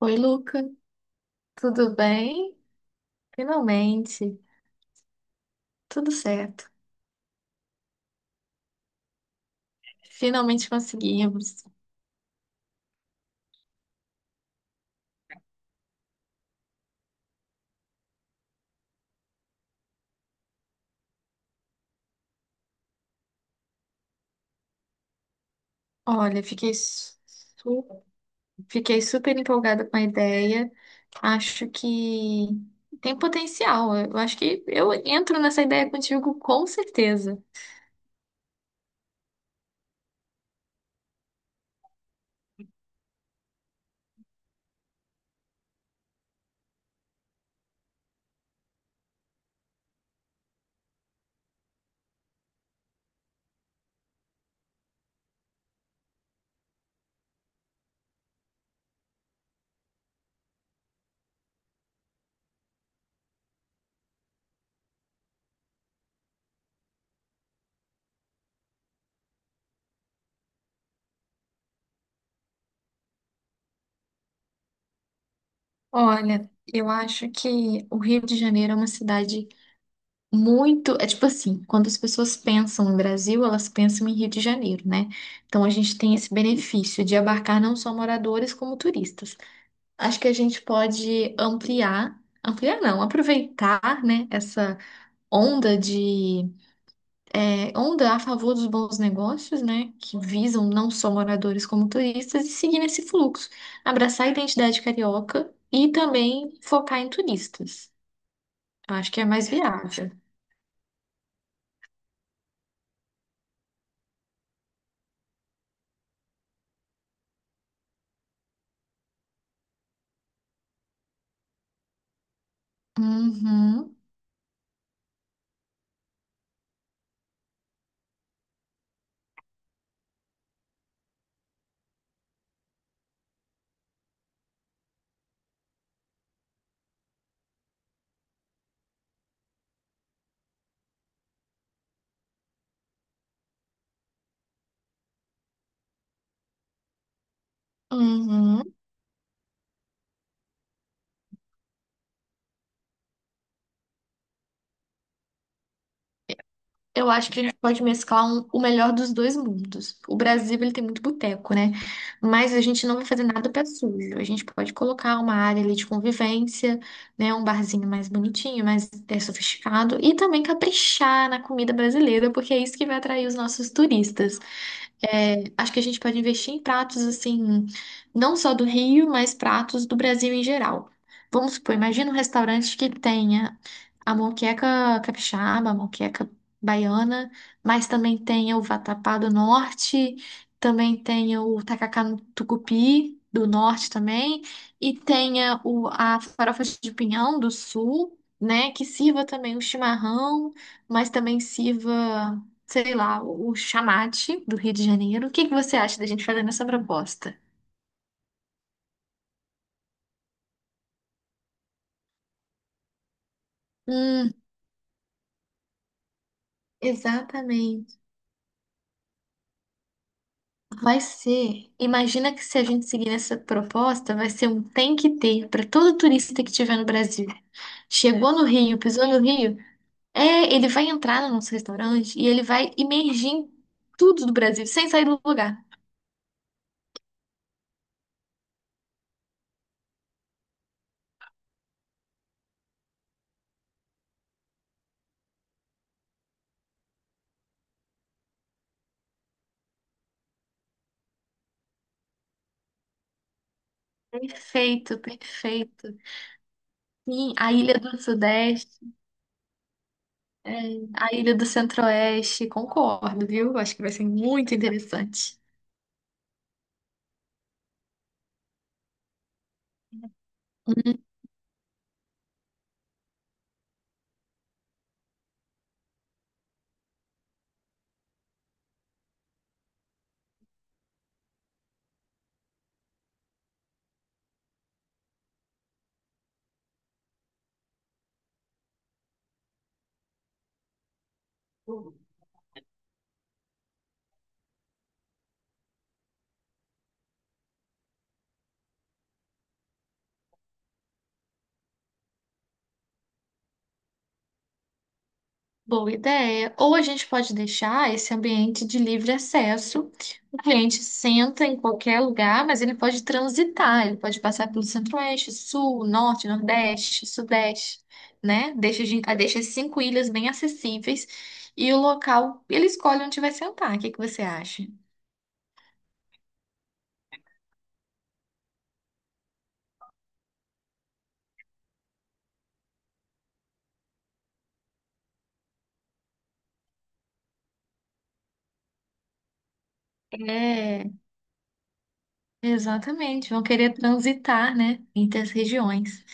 Oi, Luca, tudo bem? Finalmente, tudo certo. Finalmente conseguimos. Olha, fiquei super empolgada com a ideia. Acho que tem potencial. Eu acho que eu entro nessa ideia contigo com certeza. Olha, eu acho que o Rio de Janeiro é uma cidade muito, é tipo assim, quando as pessoas pensam em Brasil, elas pensam em Rio de Janeiro, né? Então a gente tem esse benefício de abarcar não só moradores como turistas. Acho que a gente pode ampliar, ampliar não, aproveitar, né, essa onda de, onda a favor dos bons negócios, né, que visam não só moradores como turistas e seguir nesse fluxo, abraçar a identidade carioca e também focar em turistas. Eu acho que é mais viável. Uhum. Uhum. Eu acho que a gente pode mesclar o melhor dos dois mundos. O Brasil, ele tem muito boteco, né? Mas a gente não vai fazer nada pé sujo. A gente pode colocar uma área ali de convivência, né? Um barzinho mais bonitinho, mais sofisticado. E também caprichar na comida brasileira, porque é isso que vai atrair os nossos turistas. É, acho que a gente pode investir em pratos, assim, não só do Rio, mas pratos do Brasil em geral. Vamos supor, imagina um restaurante que tenha a moqueca capixaba, a moqueca baiana, mas também tem o vatapá do norte, também tem o tacacá no tucupi do norte também, e tenha a farofa de pinhão do sul, né, que sirva também o chimarrão, mas também sirva, sei lá, o chamate do Rio de Janeiro. O que que você acha da gente fazer nessa proposta? Hum, exatamente. Vai ser. Imagina que se a gente seguir nessa proposta, vai ser um tem que ter para todo turista que estiver no Brasil. Chegou no Rio, pisou no Rio, ele vai entrar no nosso restaurante e ele vai imergir em tudo do Brasil, sem sair do lugar. Perfeito, perfeito. Sim, a Ilha do Sudeste, é, a Ilha do Centro-Oeste, concordo, viu? Acho que vai ser muito interessante. Boa ideia. Ou a gente pode deixar esse ambiente de livre acesso. O cliente senta em qualquer lugar, mas ele pode transitar, ele pode passar pelo centro-oeste, sul, norte, nordeste, sudeste, né? Deixa, a gen- ah, deixa as 5 ilhas bem acessíveis e o local, ele escolhe onde vai sentar. O que que você acha? É, Exatamente, vão querer transitar, né, entre as regiões.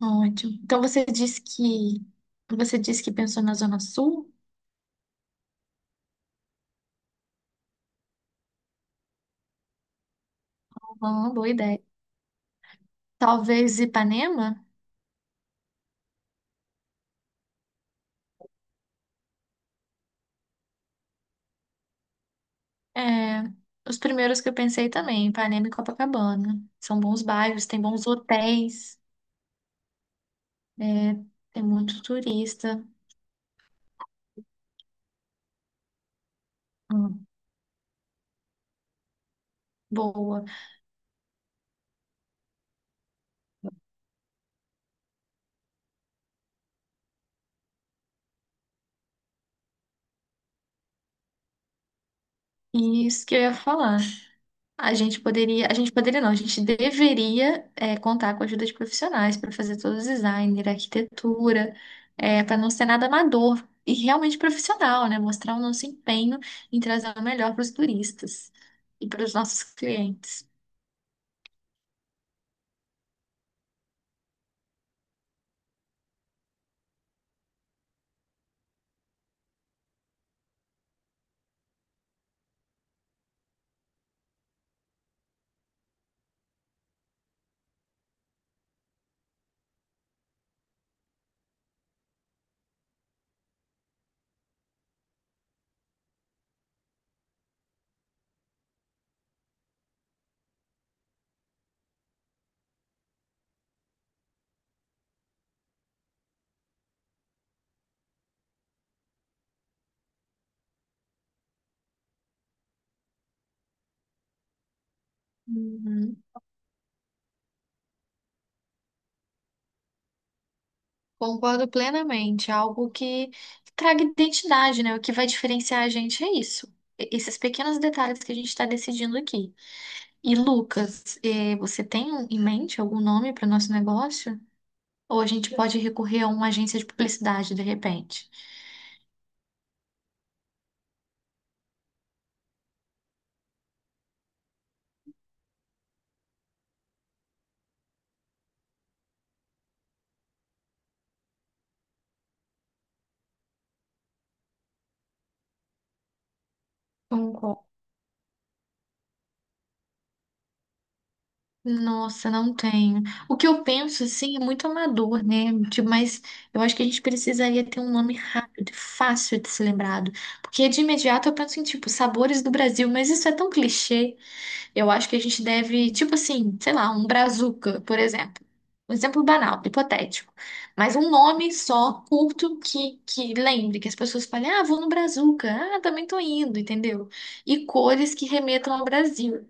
Ótimo. Então você disse que pensou na Zona Sul? Uma boa ideia. Talvez Ipanema? É, os primeiros que eu pensei também, Ipanema e Copacabana. São bons bairros, tem bons hotéis, é, tem muito turista. Hum, boa. E isso que eu ia falar. A gente poderia não, a gente deveria contar com a ajuda de profissionais para fazer todo o design, arquitetura, para não ser nada amador e realmente profissional, né? Mostrar o nosso empenho em trazer o melhor para os turistas e para os nossos clientes. Uhum. Concordo plenamente. Algo que traga identidade, né? O que vai diferenciar a gente é isso. Esses pequenos detalhes que a gente está decidindo aqui. E Lucas, você tem um, em mente algum nome para o nosso negócio? Ou a gente pode recorrer a uma agência de publicidade de repente? Concordo. Nossa, não tenho. O que eu penso, assim, é muito amador, né? Tipo, mas eu acho que a gente precisaria ter um nome rápido e fácil de ser lembrado. Porque de imediato eu penso em, tipo, sabores do Brasil, mas isso é tão clichê. Eu acho que a gente deve, tipo assim, sei lá, um brazuca, por exemplo. Um exemplo banal, hipotético. Mas um nome só, curto, que lembre, que as pessoas falem, ah, vou no brazuca, ah, também tô indo, entendeu? E cores que remetam ao Brasil.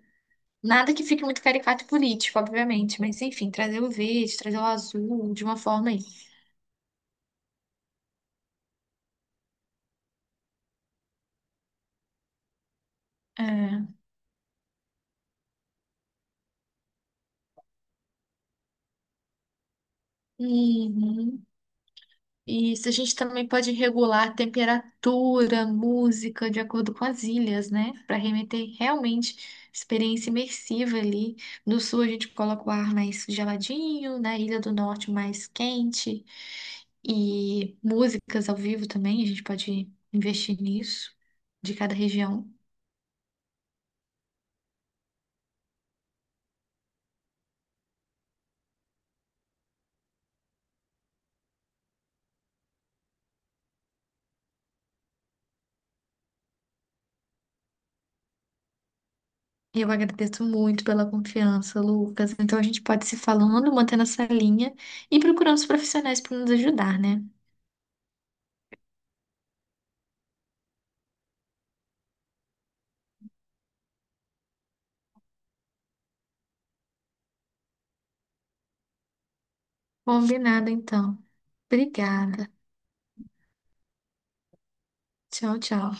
Nada que fique muito caricato e político, obviamente, mas enfim, trazer o verde, trazer o azul de uma forma aí. É. Uhum. Isso, a gente também pode regular a temperatura, música, de acordo com as ilhas, né? Para remeter realmente experiência imersiva ali. No sul a gente coloca o ar mais geladinho, na Ilha do Norte mais quente. E músicas ao vivo também, a gente pode investir nisso, de cada região. Eu agradeço muito pela confiança, Lucas. Então a gente pode se falando, mantendo essa linha e procurando os profissionais para nos ajudar, né? Combinado, então. Obrigada. Tchau, tchau.